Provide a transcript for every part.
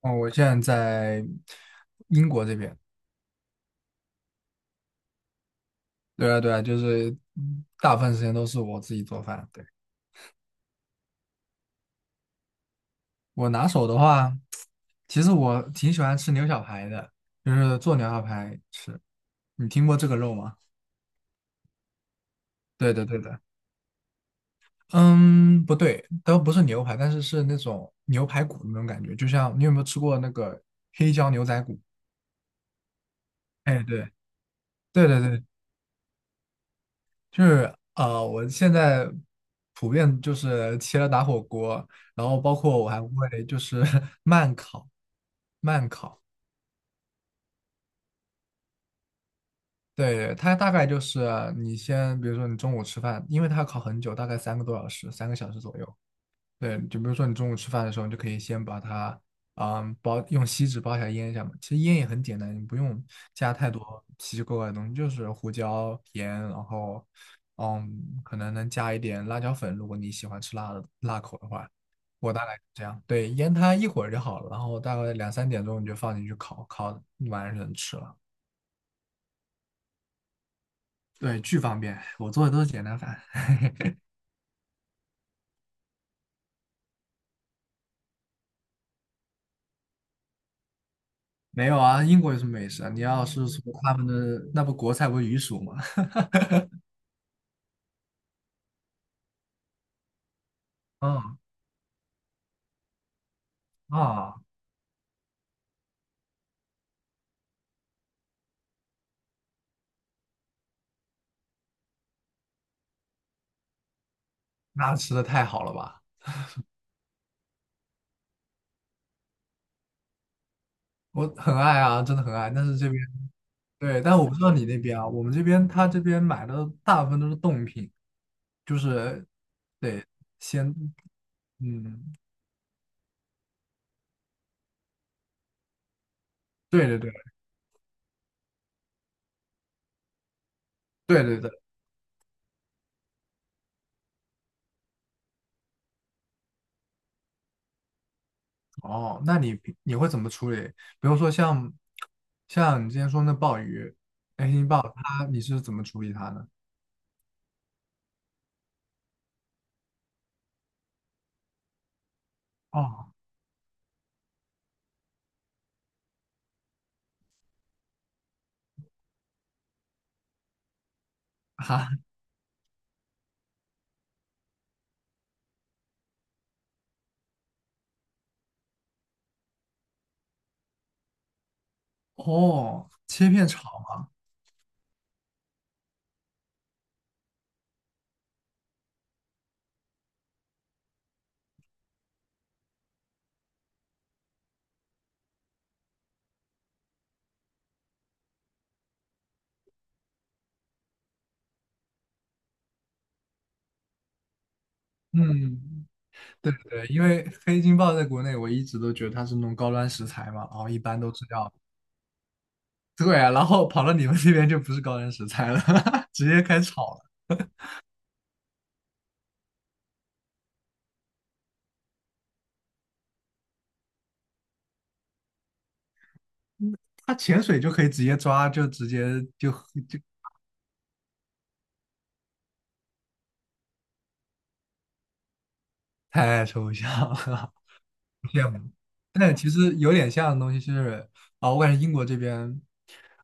哦，我现在在英国这边。对啊，对啊，就是大部分时间都是我自己做饭。对，我拿手的话，其实我挺喜欢吃牛小排的，就是做牛小排吃。你听过这个肉吗？对的，对的。嗯，不对，都不是牛排，但是是那种牛排骨那种感觉，就像你有没有吃过那个黑椒牛仔骨？哎，对，对对对就是我现在普遍就是切了打火锅，然后包括我还会就是 慢烤，慢烤。对，它大概就是你先，比如说你中午吃饭，因为它要烤很久，大概3个多小时，3个小时左右。对，就比如说你中午吃饭的时候，你就可以先把它，包用锡纸包起来腌一下嘛。其实腌也很简单，你不用加太多奇奇怪怪的东西，就是胡椒、盐，然后，可能能加一点辣椒粉，如果你喜欢吃辣的辣口的话。我大概是这样，对，腌它一会儿就好了，然后大概两三点钟你就放进去烤，烤完了就能吃了。对，巨方便，我做的都是简单饭。没有啊，英国有什么美食啊？你要是说他们的那不国菜不是鱼薯吗？嗯啊。那吃的太好了吧？我很爱啊，真的很爱。但是这边对，但我不知道你那边啊，我们这边他这边买的大部分都是冻品，就是得先嗯，对对对对对对。哦，那你你会怎么处理？比如说像像你之前说那鲍鱼，它你是怎么处理它呢？哦，哈，哦，切片炒吗？嗯，对对对，因为黑金鲍在国内我一直都觉得它是那种高端食材嘛，然后一般都是要。对啊，然后跑到你们那边就不是高原食材了，直接开始炒了。嗯它潜水就可以直接抓，就直接就就太抽象了，羡慕。但其实有点像的东西是我感觉英国这边，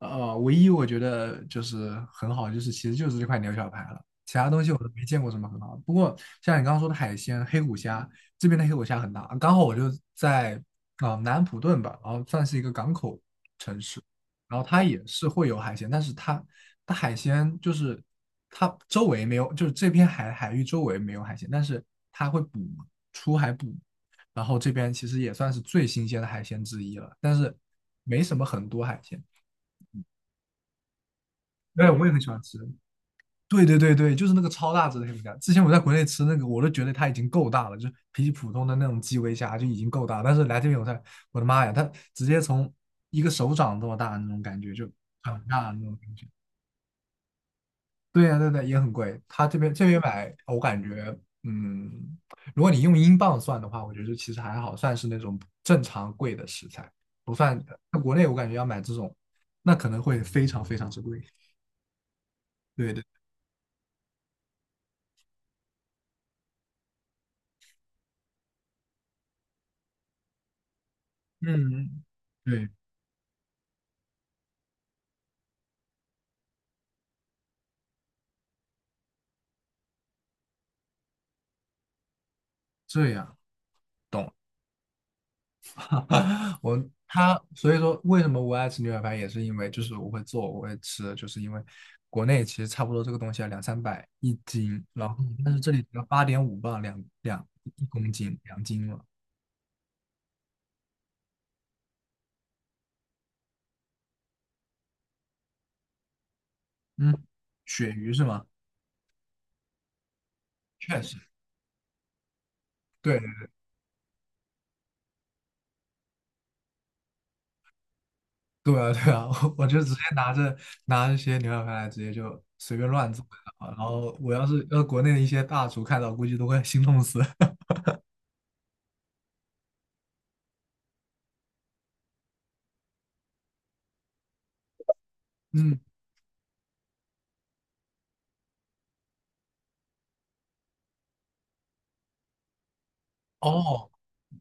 唯一我觉得就是很好，就是其实就是这块牛小排了，其他东西我都没见过什么很好的。不过像你刚刚说的海鲜，黑虎虾这边的黑虎虾很大，刚好我就在南安普顿吧，然后算是一个港口。然后它也是会有海鲜，但是它它海鲜就是周围没有，就是这片海海域周围没有海鲜，但是它会出海捕，然后这边其实也算是最新鲜的海鲜之一了，但是没什么很多海鲜。对，我也很喜欢吃。对对对对，就是那个超大只的黑皮虾。之前我在国内吃那个，我都觉得它已经够大了，就是比起普通的那种基围虾就已经够大了。但是来这边我才，我的妈呀，它直接从一个手掌这么大的那种感觉，就很大的那种感觉。对呀，对对，也很贵。他这边买，我感觉，嗯，如果你用英镑算的话，我觉得其实还好，算是那种正常贵的食材，不算。在国内，我感觉要买这种，那可能会非常非常之贵。对的，嗯，对，这样懂了。所以说，为什么我爱吃牛排饭，也是因为就是我会做，我会吃，就是因为国内其实差不多这个东西要两三百一斤，然后但是这里只要8.5磅两一公斤两斤了。嗯，鳕鱼是吗？确实，对对啊，对啊，我就直接拿一些牛小排来，直接就随便乱做啊然后我要是国内的一些大厨看到，估计都会心痛死。嗯，哦，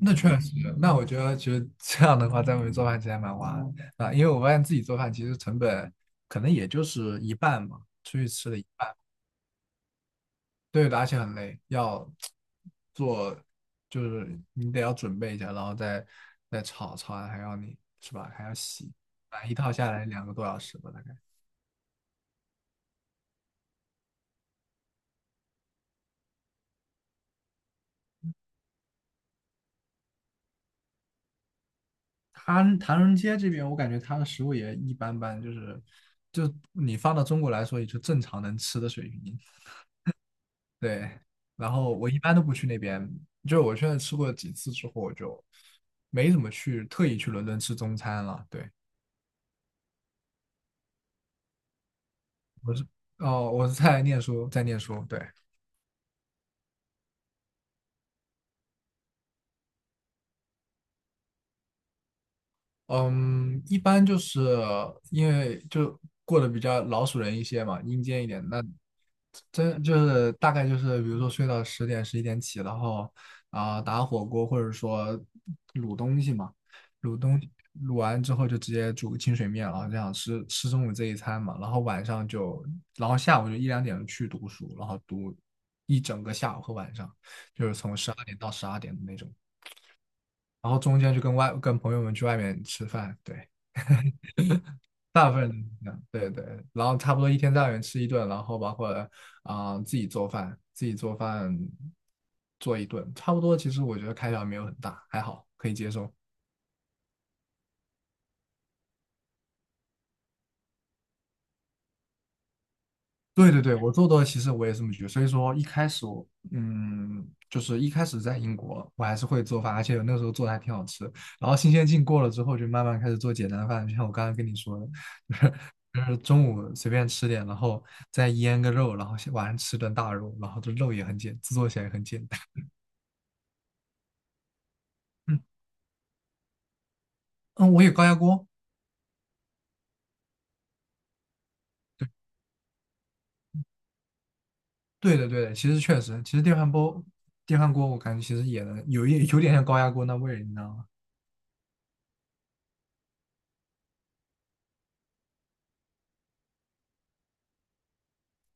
那确实，那我觉得其实这样的话，在外面做饭其实还蛮划的啊，因为我发现自己做饭其实成本可能也就是一半嘛，出去吃的。对的而且很累，要 做，就是你得要准备一下，然后再炒，炒完还要你是吧？还要洗，啊，一套下来2个多小时吧，大概。唐人街这边，我感觉它的食物也一般般，就你放到中国来说，也就正常能吃的水平。对，然后我一般都不去那边，就是我现在吃过几次之后，我就没怎么去特意去伦敦吃中餐了。对，我是哦，我是在念书，对。嗯，一般就是因为就过得比较老鼠人一些嘛，阴间一点。那真就是大概就是，比如说睡到10点11点起，然后打火锅或者说卤东西嘛，卤东西卤完之后就直接煮个清水面，然后这样吃吃中午这一餐嘛，然后晚上就，然后下午就一两点去读书，然后读一整个下午和晚上，就是从12点到12点的那种，然后中间就跟朋友们去外面吃饭，对。大部分人这样对对，然后差不多一天在外面吃一顿，然后包括自己做饭做一顿，差不多。其实我觉得开销没有很大，还好可以接受。对对对，我做多了，其实我也是这么觉得。所以说一开始就是一开始在英国，我还是会做饭，而且那时候做的还挺好吃。然后新鲜劲过了之后，就慢慢开始做简单饭，就像我刚刚跟你说的，就是中午随便吃点，然后再腌个肉，然后晚上吃顿大肉，然后这肉也很简，制作起来也很简单。嗯，我有高压锅。对的，对的，其实确实，其实电饭煲、电饭锅，我感觉其实也能有点像高压锅那味儿，你知道吗？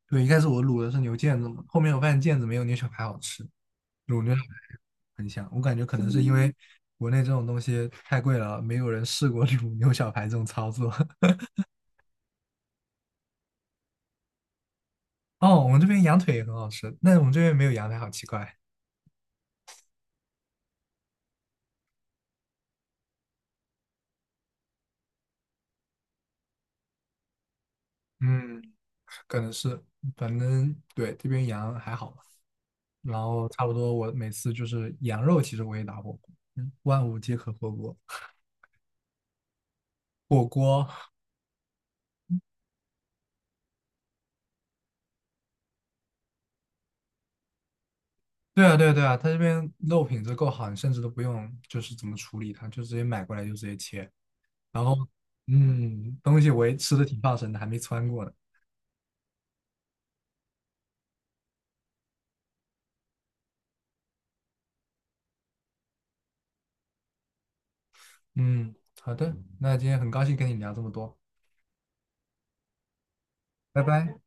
对，一开始我卤的是牛腱子嘛，后面我发现腱子没有牛小排好吃，卤牛小排很香。我感觉可能是因为国内这种东西太贵了，没有人试过 卤牛小排这种操作。哦，我们这边羊腿也很好吃，但是我们这边没有羊排，好奇怪。嗯，可能是，反正对，这边羊还好吧。然后差不多我每次就是羊肉，其实我也打火锅，嗯，万物皆可火锅。火锅，对啊对啊对啊，它这边肉品质够好，你甚至都不用就是怎么处理它，就直接买过来就直接切。然后，嗯，东西我也吃的挺放神的，还没穿过呢。嗯，好的，那今天很高兴跟你聊这么多，拜拜。